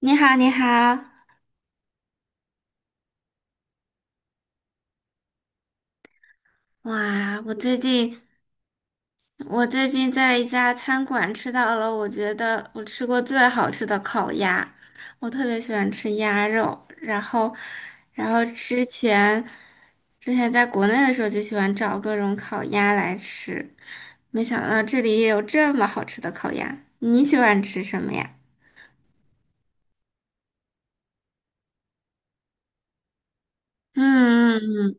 你好，你好，哇！我最近在一家餐馆吃到了，我觉得我吃过最好吃的烤鸭。我特别喜欢吃鸭肉，然后之前在国内的时候就喜欢找各种烤鸭来吃，没想到这里也有这么好吃的烤鸭。你喜欢吃什么呀？嗯，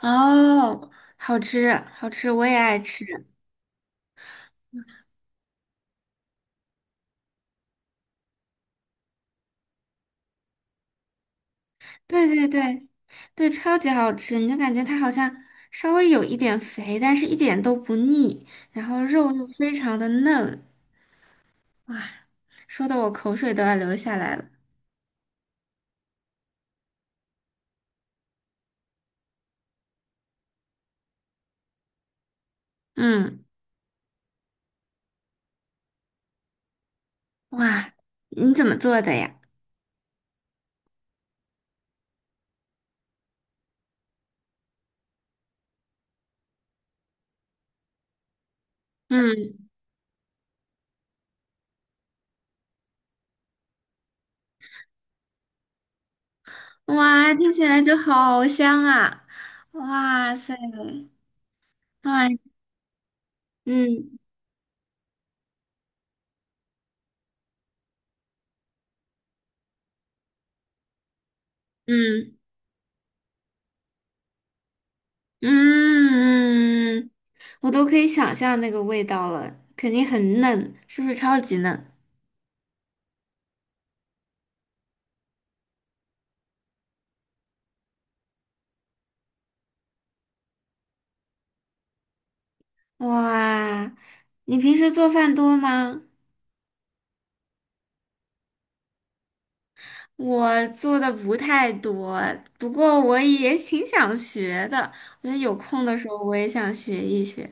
哦，好吃，好吃，我也爱吃。对对对对，超级好吃，你就感觉它好像稍微有一点肥，但是一点都不腻，然后肉又非常的嫩，哇，说的我口水都要流下来了。嗯，哇，你怎么做的呀？嗯，哇，听起来就好香啊！哇塞，哇，嗯嗯嗯，我都可以想象那个味道了，肯定很嫩，是不是超级嫩？哇，你平时做饭多吗？我做的不太多，不过我也挺想学的。我觉得有空的时候我也想学一学。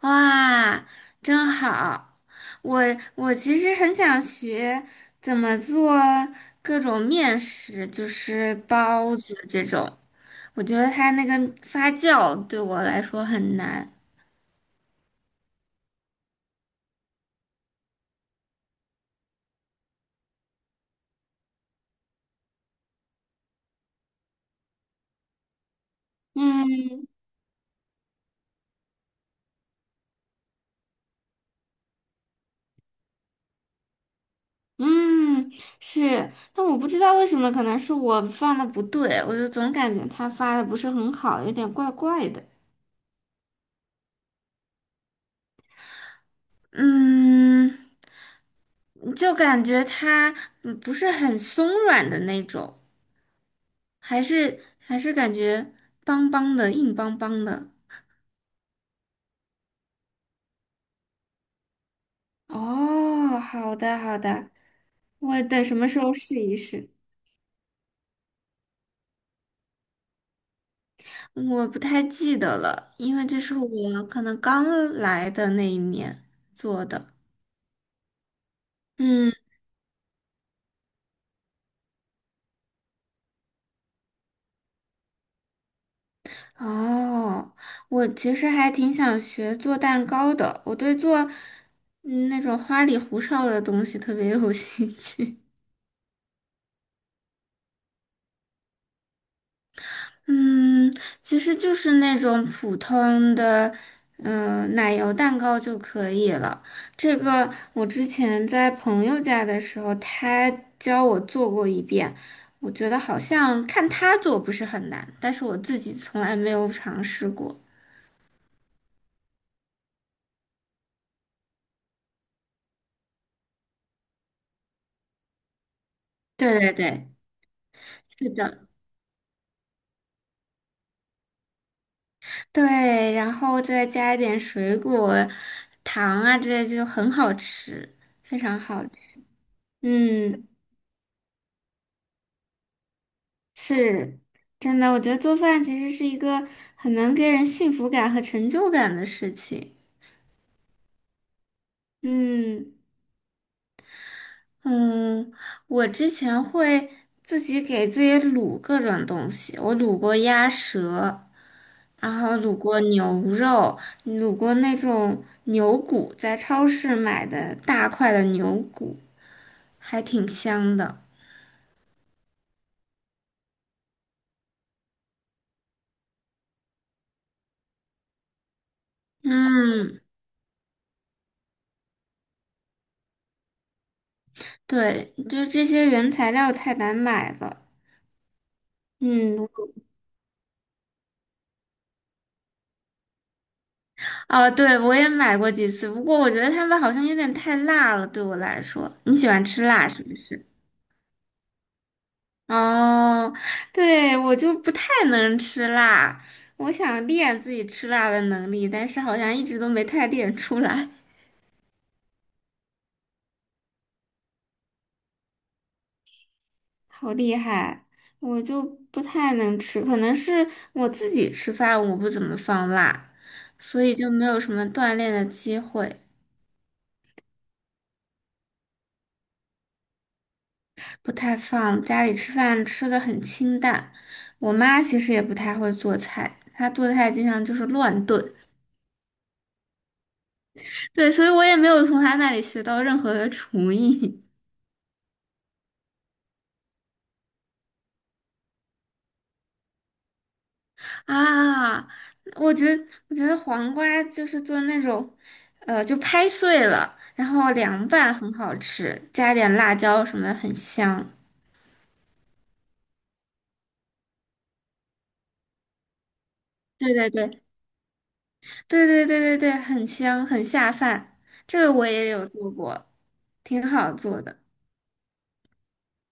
哇，真好！我我其实很想学怎么做各种面食，就是包子这种。我觉得它那个发酵对我来说很难。嗯。嗯，是，但我不知道为什么，可能是我放的不对，我就总感觉他发的不是很好，有点怪怪的。嗯，就感觉它不是很松软的那种，还是感觉邦邦的，硬邦邦的。哦，好的好的，我等什么时候试一试。我不太记得了，因为这是我可能刚来的那一年做的。嗯。哦，我其实还挺想学做蛋糕的，我对做那种花里胡哨的东西特别有 兴趣。嗯，其实就是那种普通的，奶油蛋糕就可以了。这个我之前在朋友家的时候，他教我做过一遍，我觉得好像看他做不是很难，但是我自己从来没有尝试过。对对对，是的。对，然后再加一点水果、糖啊之类，就很好吃，非常好吃。嗯，是真的，我觉得做饭其实是一个很能给人幸福感和成就感的事情。嗯嗯，我之前会自己给自己卤各种东西，我卤过鸭舌，然后卤过牛肉，卤过那种牛骨，在超市买的大块的牛骨。还挺香的。嗯，对，就这些原材料太难买了。嗯，哦，对，我也买过几次，不过我觉得他们好像有点太辣了，对我来说。你喜欢吃辣是不是？哦，对，我就不太能吃辣，我想练自己吃辣的能力，但是好像一直都没太练出来。好厉害，我就不太能吃，可能是我自己吃饭我不怎么放辣，所以就没有什么锻炼的机会，不太放。家里吃饭吃的很清淡，我妈其实也不太会做菜，她做菜经常就是乱炖，对，所以我也没有从她那里学到任何的厨艺。啊，我觉得黄瓜就是做那种，就拍碎了，然后凉拌很好吃，加点辣椒什么的很香。对对对对对对对对，很香很下饭，这个我也有做过，挺好做的。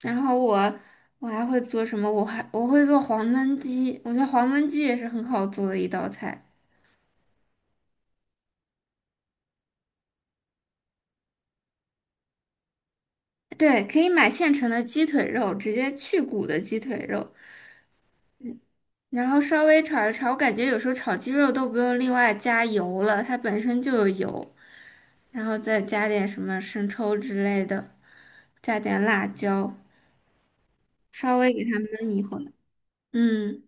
然后我还会做什么？我会做黄焖鸡，我觉得黄焖鸡也是很好做的一道菜。对，可以买现成的鸡腿肉，直接去骨的鸡腿肉。然后稍微炒一炒，我感觉有时候炒鸡肉都不用另外加油了，它本身就有油，然后再加点什么生抽之类的，加点辣椒，稍微给它焖一会儿。嗯，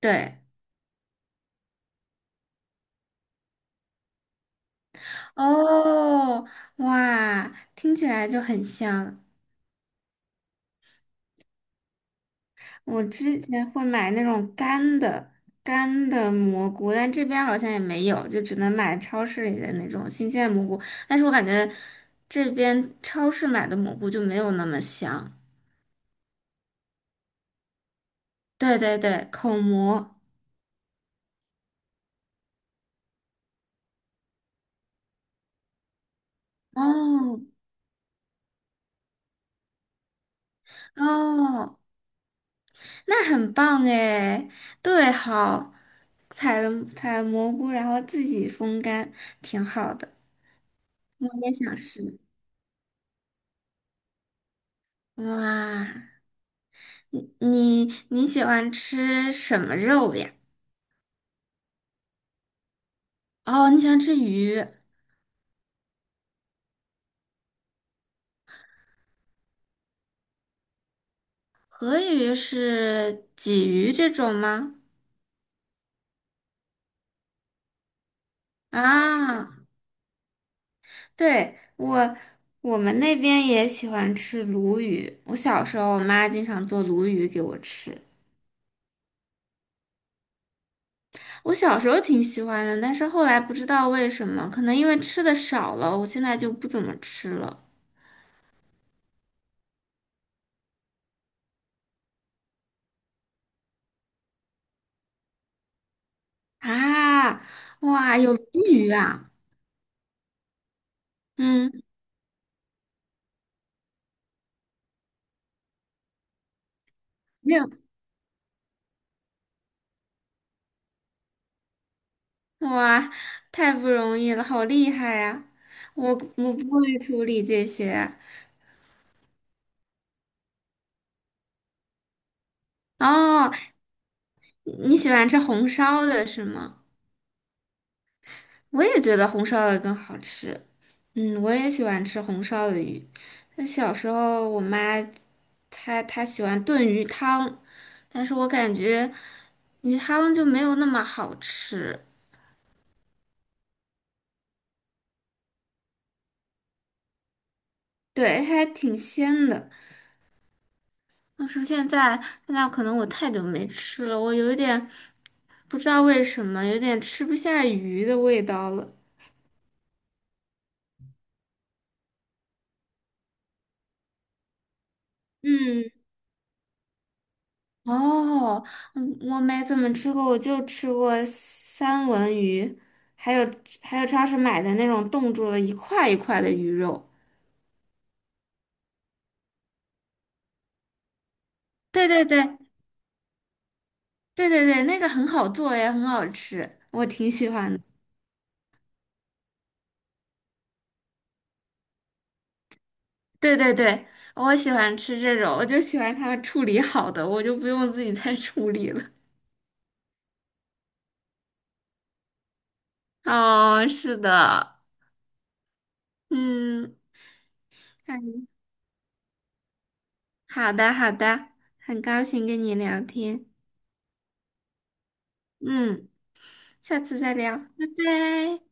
对，哦，哇，听起来就很香。我之前会买那种干的蘑菇，但这边好像也没有，就只能买超市里的那种新鲜蘑菇。但是我感觉这边超市买的蘑菇就没有那么香。对对对，口蘑。哦哦，那很棒哎！对，好，采了蘑菇，然后自己风干，挺好的。我也想吃。哇，你喜欢吃什么肉呀？哦，你喜欢吃鱼，河鱼是鲫鱼这种吗？啊，对，我们那边也喜欢吃鲈鱼。我小时候，我妈经常做鲈鱼给我吃。我小时候挺喜欢的，但是后来不知道为什么，可能因为吃的少了，我现在就不怎么吃了。啊，哇，有鲈鱼啊！嗯，没有，哇，太不容易了，好厉害呀、我我不会处理这些。哦，你喜欢吃红烧的是吗？我也觉得红烧的更好吃。嗯，我也喜欢吃红烧的鱼。那小时候我妈她喜欢炖鱼汤，但是我感觉鱼汤就没有那么好吃，对，还挺鲜的。但是现在可能我太久没吃了，我有一点不知道为什么，有点吃不下鱼的味道了。嗯，哦，嗯，我没怎么吃过，我就吃过三文鱼，还有还有超市买的那种冻住了一块一块的鱼肉。对对对对对对，那个很好做也很好吃，我挺喜欢的对对对，我喜欢吃这种，我就喜欢它们处理好的，我就不用自己再 处理了。哦，是的，嗯，嗯好的好的，很高兴跟你聊天，嗯，下次再聊，拜拜。